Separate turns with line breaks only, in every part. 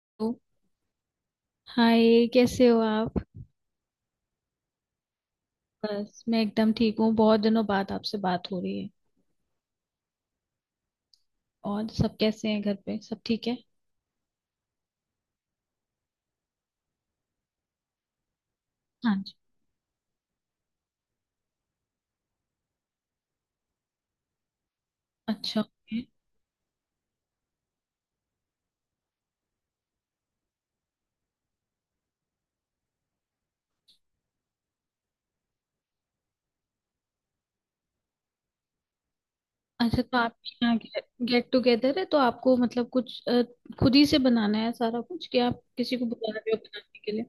Hello. Hi, कैसे हो आप? बस मैं एकदम ठीक हूँ। बहुत दिनों बाद आपसे बात हो रही है। और सब कैसे हैं? घर पे सब ठीक है? हाँ जी। अच्छा, ओके। अच्छा, तो आपके यहाँ गेट टुगेदर है तो आपको मतलब कुछ खुद ही से बनाना है सारा कुछ, कि आप किसी को बुला रहे हो बनाने के लिए?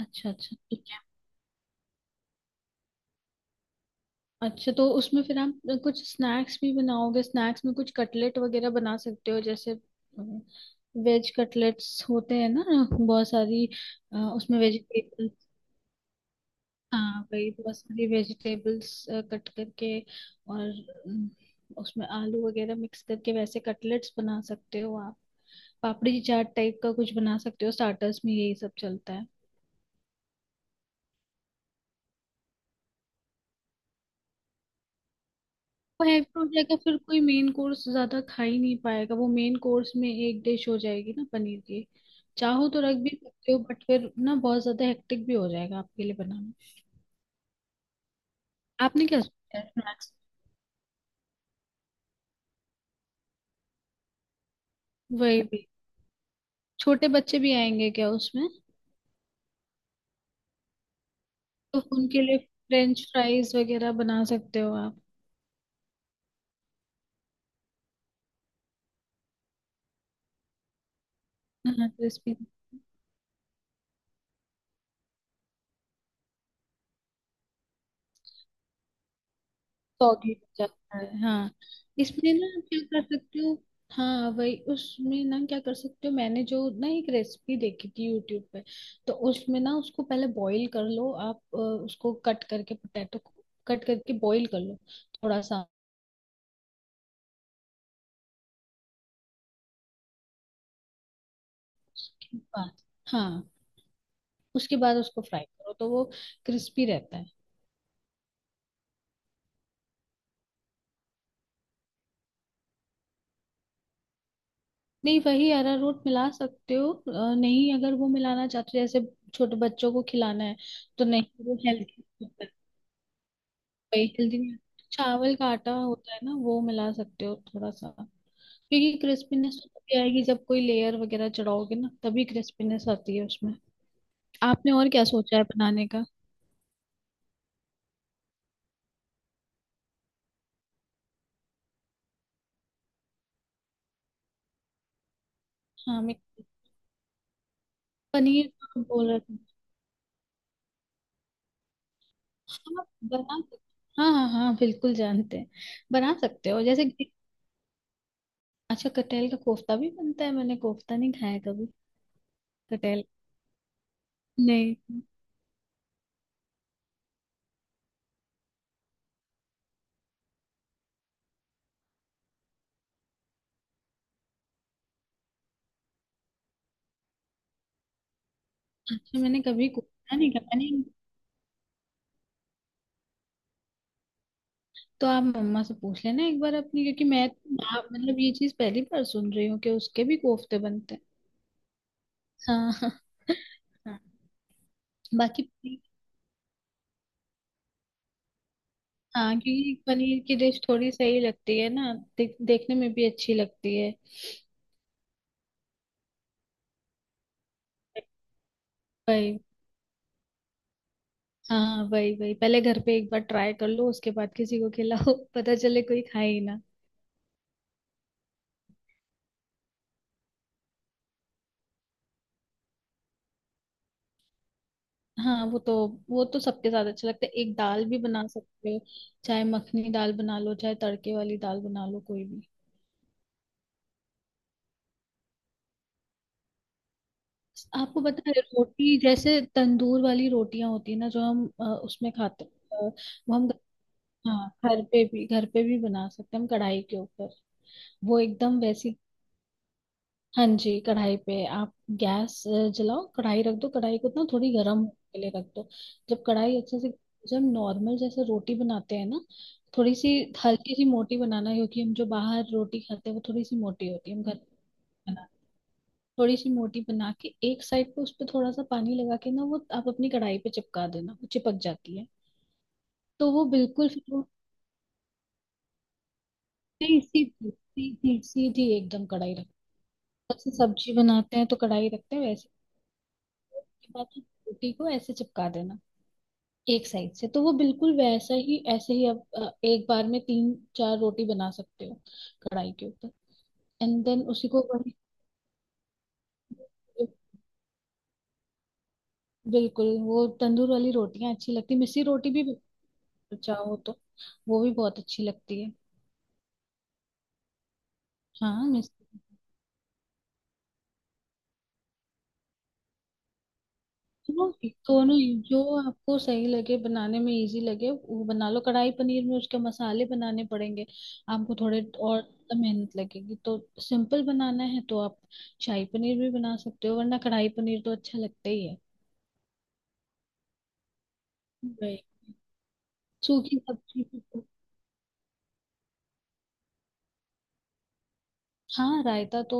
अच्छा अच्छा, ठीक है। अच्छा, तो उसमें फिर आप कुछ स्नैक्स भी बनाओगे। स्नैक्स में कुछ कटलेट वगैरह बना सकते हो जैसे, वेज कटलेट्स होते हैं ना, बहुत सारी उसमें वेजिटेबल। हाँ वही, बहुत सारी वेजिटेबल्स कट करके, और अम, उसमें आलू वगैरह मिक्स करके वैसे कटलेट्स बना सकते हो आप। पापड़ी चाट टाइप का कुछ बना सकते हो, स्टार्टर्स में यही सब चलता है। वो हैवी हो जाएगा, फिर कोई मेन कोर्स ज्यादा खा ही नहीं पाएगा। वो मेन कोर्स में एक डिश हो जाएगी ना पनीर की। चाहो तो रख भी सकते हो बट फिर ना बहुत ज्यादा हेक्टिक भी हो जाएगा आपके लिए बनाना। आपने क्या सोचा है स्नैक्स? वही भी, छोटे बच्चे भी आएंगे क्या उसमें? तो उनके लिए फ्रेंच फ्राइज वगैरह बना सकते हो आप। हाँ क्रिस्पी, सॉगी हो जाता है हाँ। इसमें ना क्या कर सकते हो, हाँ वही उसमें ना क्या कर सकते हो, मैंने जो ना एक रेसिपी देखी थी यूट्यूब पे। तो उसमें ना उसको पहले बॉईल कर लो आप, उसको कट करके, पोटैटो को कट करके बॉईल कर लो थोड़ा सा। उसके बाद हाँ, उसके बाद उसको फ्राई करो तो वो क्रिस्पी रहता है। नहीं, वही अरारोट मिला सकते हो। नहीं, अगर वो मिलाना चाहते हो, जैसे छोटे बच्चों को खिलाना है तो नहीं, वो हेल्दी। वही हेल्दी चावल का आटा होता है ना, वो मिला सकते हो थोड़ा सा। क्योंकि क्रिस्पीनेस तभी आएगी जब कोई लेयर वगैरह चढ़ाओगे ना, तभी क्रिस्पीनेस आती है उसमें। आपने और क्या सोचा है बनाने का? हाँ, मैं पनीर का बोल रहा था। हाँ बना सकते, हाँ हाँ हाँ बिल्कुल जानते हैं। बना सकते हो जैसे। अच्छा, कटहल का कोफ्ता भी बनता है? मैंने कोफ्ता नहीं खाया कभी, कटहल। नहीं। अच्छा, मैंने कभी कोशिश नहीं किया मैंने। तो आप मम्मा से पूछ लेना एक बार अपनी, क्योंकि मैं तो ना मतलब ये चीज पहली बार सुन रही हूँ कि उसके भी कोफ्ते बनते हैं। हाँ हाँ। बाकी पनीर- हाँ क्योंकि पनीर की डिश थोड़ी सही लगती है ना, देखने में भी अच्छी लगती है। वही। हाँ वही वही, पहले घर पे एक बार ट्राई कर लो, उसके बाद किसी को खिलाओ, पता चले कोई खाए ही ना। हाँ वो तो, वो तो सबके साथ अच्छा लगता है। एक दाल भी बना सकते हो, चाहे मखनी दाल बना लो चाहे तड़के वाली दाल बना लो, कोई भी। आपको पता है रोटी, जैसे तंदूर वाली रोटियां होती है ना जो हम उसमें खाते हैं, वो हम, हाँ घर पे भी, बना सकते हैं हम कढ़ाई के ऊपर। वो एकदम वैसी। हाँ जी, कढ़ाई पे आप गैस जलाओ, कढ़ाई रख दो, कढ़ाई को ना थोड़ी गर्म होने के लिए रख दो। जब कढ़ाई अच्छे से, जब नॉर्मल जैसे रोटी बनाते हैं ना, थोड़ी सी हल्की सी मोटी बनाना, क्योंकि हम जो बाहर रोटी खाते हैं वो थोड़ी सी मोटी होती है। हम घर बना, थोड़ी सी मोटी बना के एक साइड पे उस पे थोड़ा सा पानी लगा के ना, वो आप अपनी कढ़ाई पे चिपका देना, वो चिपक जाती है। तो वो बिल्कुल फिर वो सीधी सीधी सीधी सीधी एकदम कढ़ाई रख। जैसे सब्जी बनाते हैं तो कढ़ाई रखते हैं वैसे, बाकी रोटी को ऐसे चिपका देना एक साइड से, तो वो बिल्कुल वैसा ही। ऐसे ही आप एक बार में तीन चार रोटी बना सकते हो कढ़ाई के ऊपर। एंड देन उसी को वही, बिल्कुल वो तंदूर वाली रोटियां अच्छी लगती है। मिस्सी रोटी भी चाहो तो, वो भी बहुत अच्छी लगती है। हाँ मिस्सी, दोनों दोनों ही, जो आपको सही लगे, बनाने में इजी लगे, वो बना लो। कढ़ाई पनीर में उसके मसाले बनाने पड़ेंगे आपको थोड़े और, मेहनत लगेगी तो। सिंपल बनाना है तो आप शाही पनीर भी बना सकते हो, वरना कढ़ाई पनीर तो अच्छा लगता ही है। वही। सूखी सब्जी भी तो- हाँ रायता तो,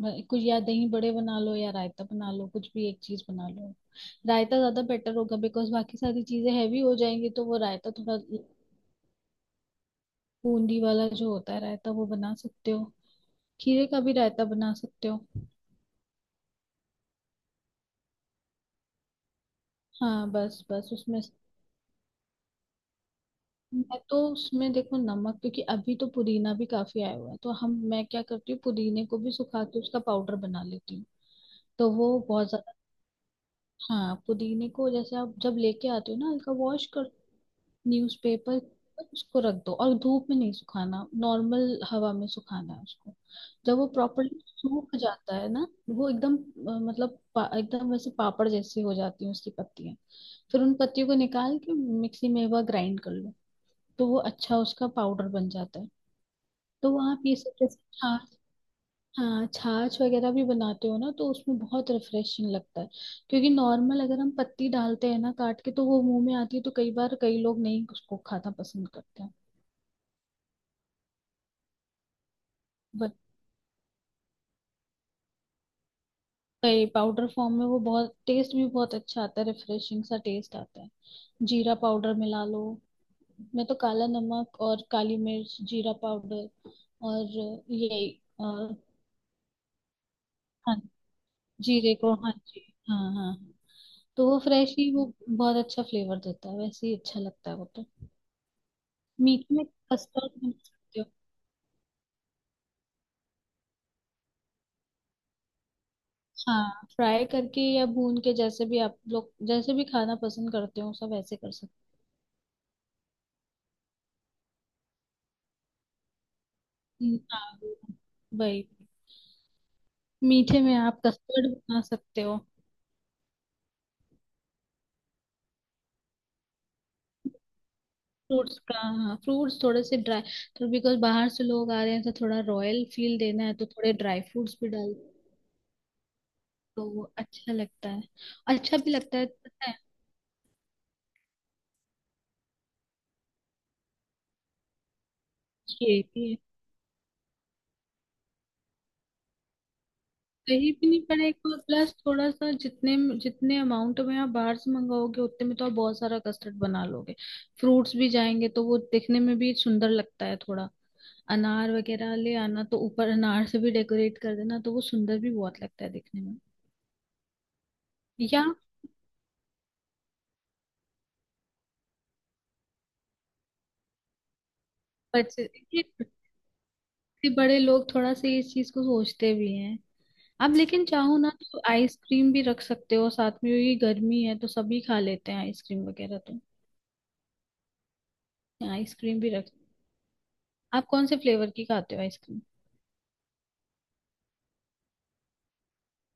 कुछ या दही बड़े बना लो या रायता बना लो, कुछ भी एक चीज बना लो। रायता ज्यादा बेटर होगा बिकॉज बाकी सारी चीजें हैवी हो जाएंगी, तो वो रायता थोड़ा। बूंदी वाला जो होता है रायता, वो बना सकते हो, खीरे का भी रायता बना सकते हो। हाँ बस बस उसमें, मैं तो उसमें देखो नमक, क्योंकि अभी तो पुदीना भी काफी आया हुआ है तो हम, मैं क्या करती हूँ पुदीने को भी सुखा के उसका पाउडर बना लेती हूँ। तो वो बहुत ज्यादा, हाँ पुदीने को जैसे आप जब लेके आते हो ना हल्का वॉश कर, न्यूज़पेपर पर उसको रख दो, और धूप में नहीं सुखाना, नॉर्मल हवा में सुखाना है उसको। जब वो प्रॉपरली सूख जाता है ना, वो एकदम मतलब एकदम वैसे पापड़ जैसी हो जाती है उसकी पत्तियां। फिर उन पत्तियों को निकाल के मिक्सी में एक बार ग्राइंड कर लो, तो वो अच्छा उसका पाउडर बन जाता है। तो वो आप ये सब जैसे छाछ, हाँ छाछ वगैरह भी बनाते हो ना, तो उसमें बहुत रिफ्रेशिंग लगता है। क्योंकि नॉर्मल अगर हम पत्ती डालते हैं ना काट के तो वो मुंह में आती है, तो कई बार कई लोग नहीं उसको खाना पसंद करते हैं। बट कई पाउडर फॉर्म में वो बहुत टेस्ट भी बहुत अच्छा आता है, रिफ्रेशिंग सा टेस्ट आता है। जीरा पाउडर मिला लो, मैं तो काला नमक और काली मिर्च जीरा पाउडर, और ये अ, हाँ जीरे को, हाँ जी, हाँ हाँ। तो वो फ्रेश ही वो बहुत अच्छा फ्लेवर देता है, वैसे ही अच्छा लगता है वो तो। मीट में कस्टर्ड बना सकते हो। हाँ फ्राई करके या भून के, जैसे भी आप लोग जैसे भी खाना पसंद करते हो, सब वैसे कर सकते हो। हाँ वही, मीठे में आप कस्टर्ड बना सकते हो। फ्रूट्स का, हाँ फ्रूट्स थोड़े से ड्राई, तो बिकॉज बाहर से लोग आ रहे हैं तो थोड़ा रॉयल फील देना है, तो थोड़े ड्राई फ्रूट्स भी डाल, तो वो अच्छा लगता है, अच्छा भी लगता है पता है। ये भी, सही भी नहीं पड़ेगा, प्लस थोड़ा सा, जितने जितने अमाउंट में आप बाहर से मंगाओगे उतने में तो आप बहुत सारा कस्टर्ड बना लोगे। फ्रूट्स भी जाएंगे तो वो दिखने में भी सुंदर लगता है थोड़ा, अनार वगैरह ले आना, तो ऊपर अनार से भी डेकोरेट कर देना, तो वो सुंदर भी बहुत लगता है दिखने में। या बच्चे, ये इतने बड़े लोग थोड़ा सा इस चीज को सोचते भी हैं। आप लेकिन चाहो ना तो आइसक्रीम भी रख सकते हो साथ में, ये गर्मी है तो सभी खा लेते हैं आइसक्रीम वगैरह, तो आइसक्रीम भी रख। आप कौन से फ्लेवर की खाते हो आइसक्रीम?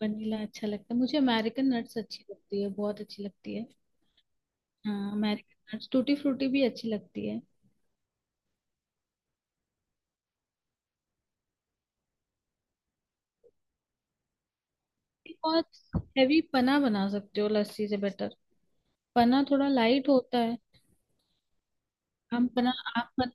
वनीला अच्छा लगता है, मुझे अमेरिकन नट्स अच्छी लगती है, बहुत अच्छी लगती है। हाँ अमेरिकन नट्स, टूटी फ्रूटी भी अच्छी लगती है। एक बहुत हैवी पना बना सकते हो लस्सी से बेटर, पना थोड़ा लाइट होता है। हम पना, आप पना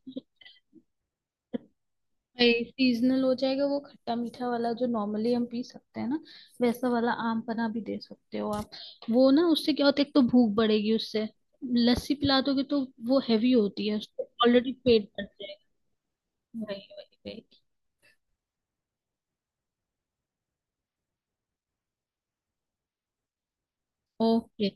सीजनल हो जाएगा। वो खट्टा मीठा वाला जो नॉर्मली हम पी सकते हैं ना, वैसा वाला आम पना भी दे सकते हो आप। वो ना उससे क्या होता है, एक तो भूख बढ़ेगी उससे, लस्सी पिला दोगे तो वो हैवी होती है, उसको ऑलरेडी पेट भर जाएगा। वही वही वही। ओके।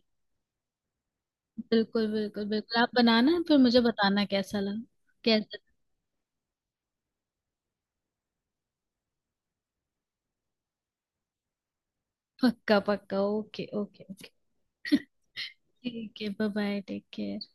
बिल्कुल बिल्कुल बिल्कुल, आप बनाना फिर मुझे बताना कैसा लगा। कैसा? पक्का पक्का, ओके ओके ओके। ठीक है, बाय बाय, टेक केयर।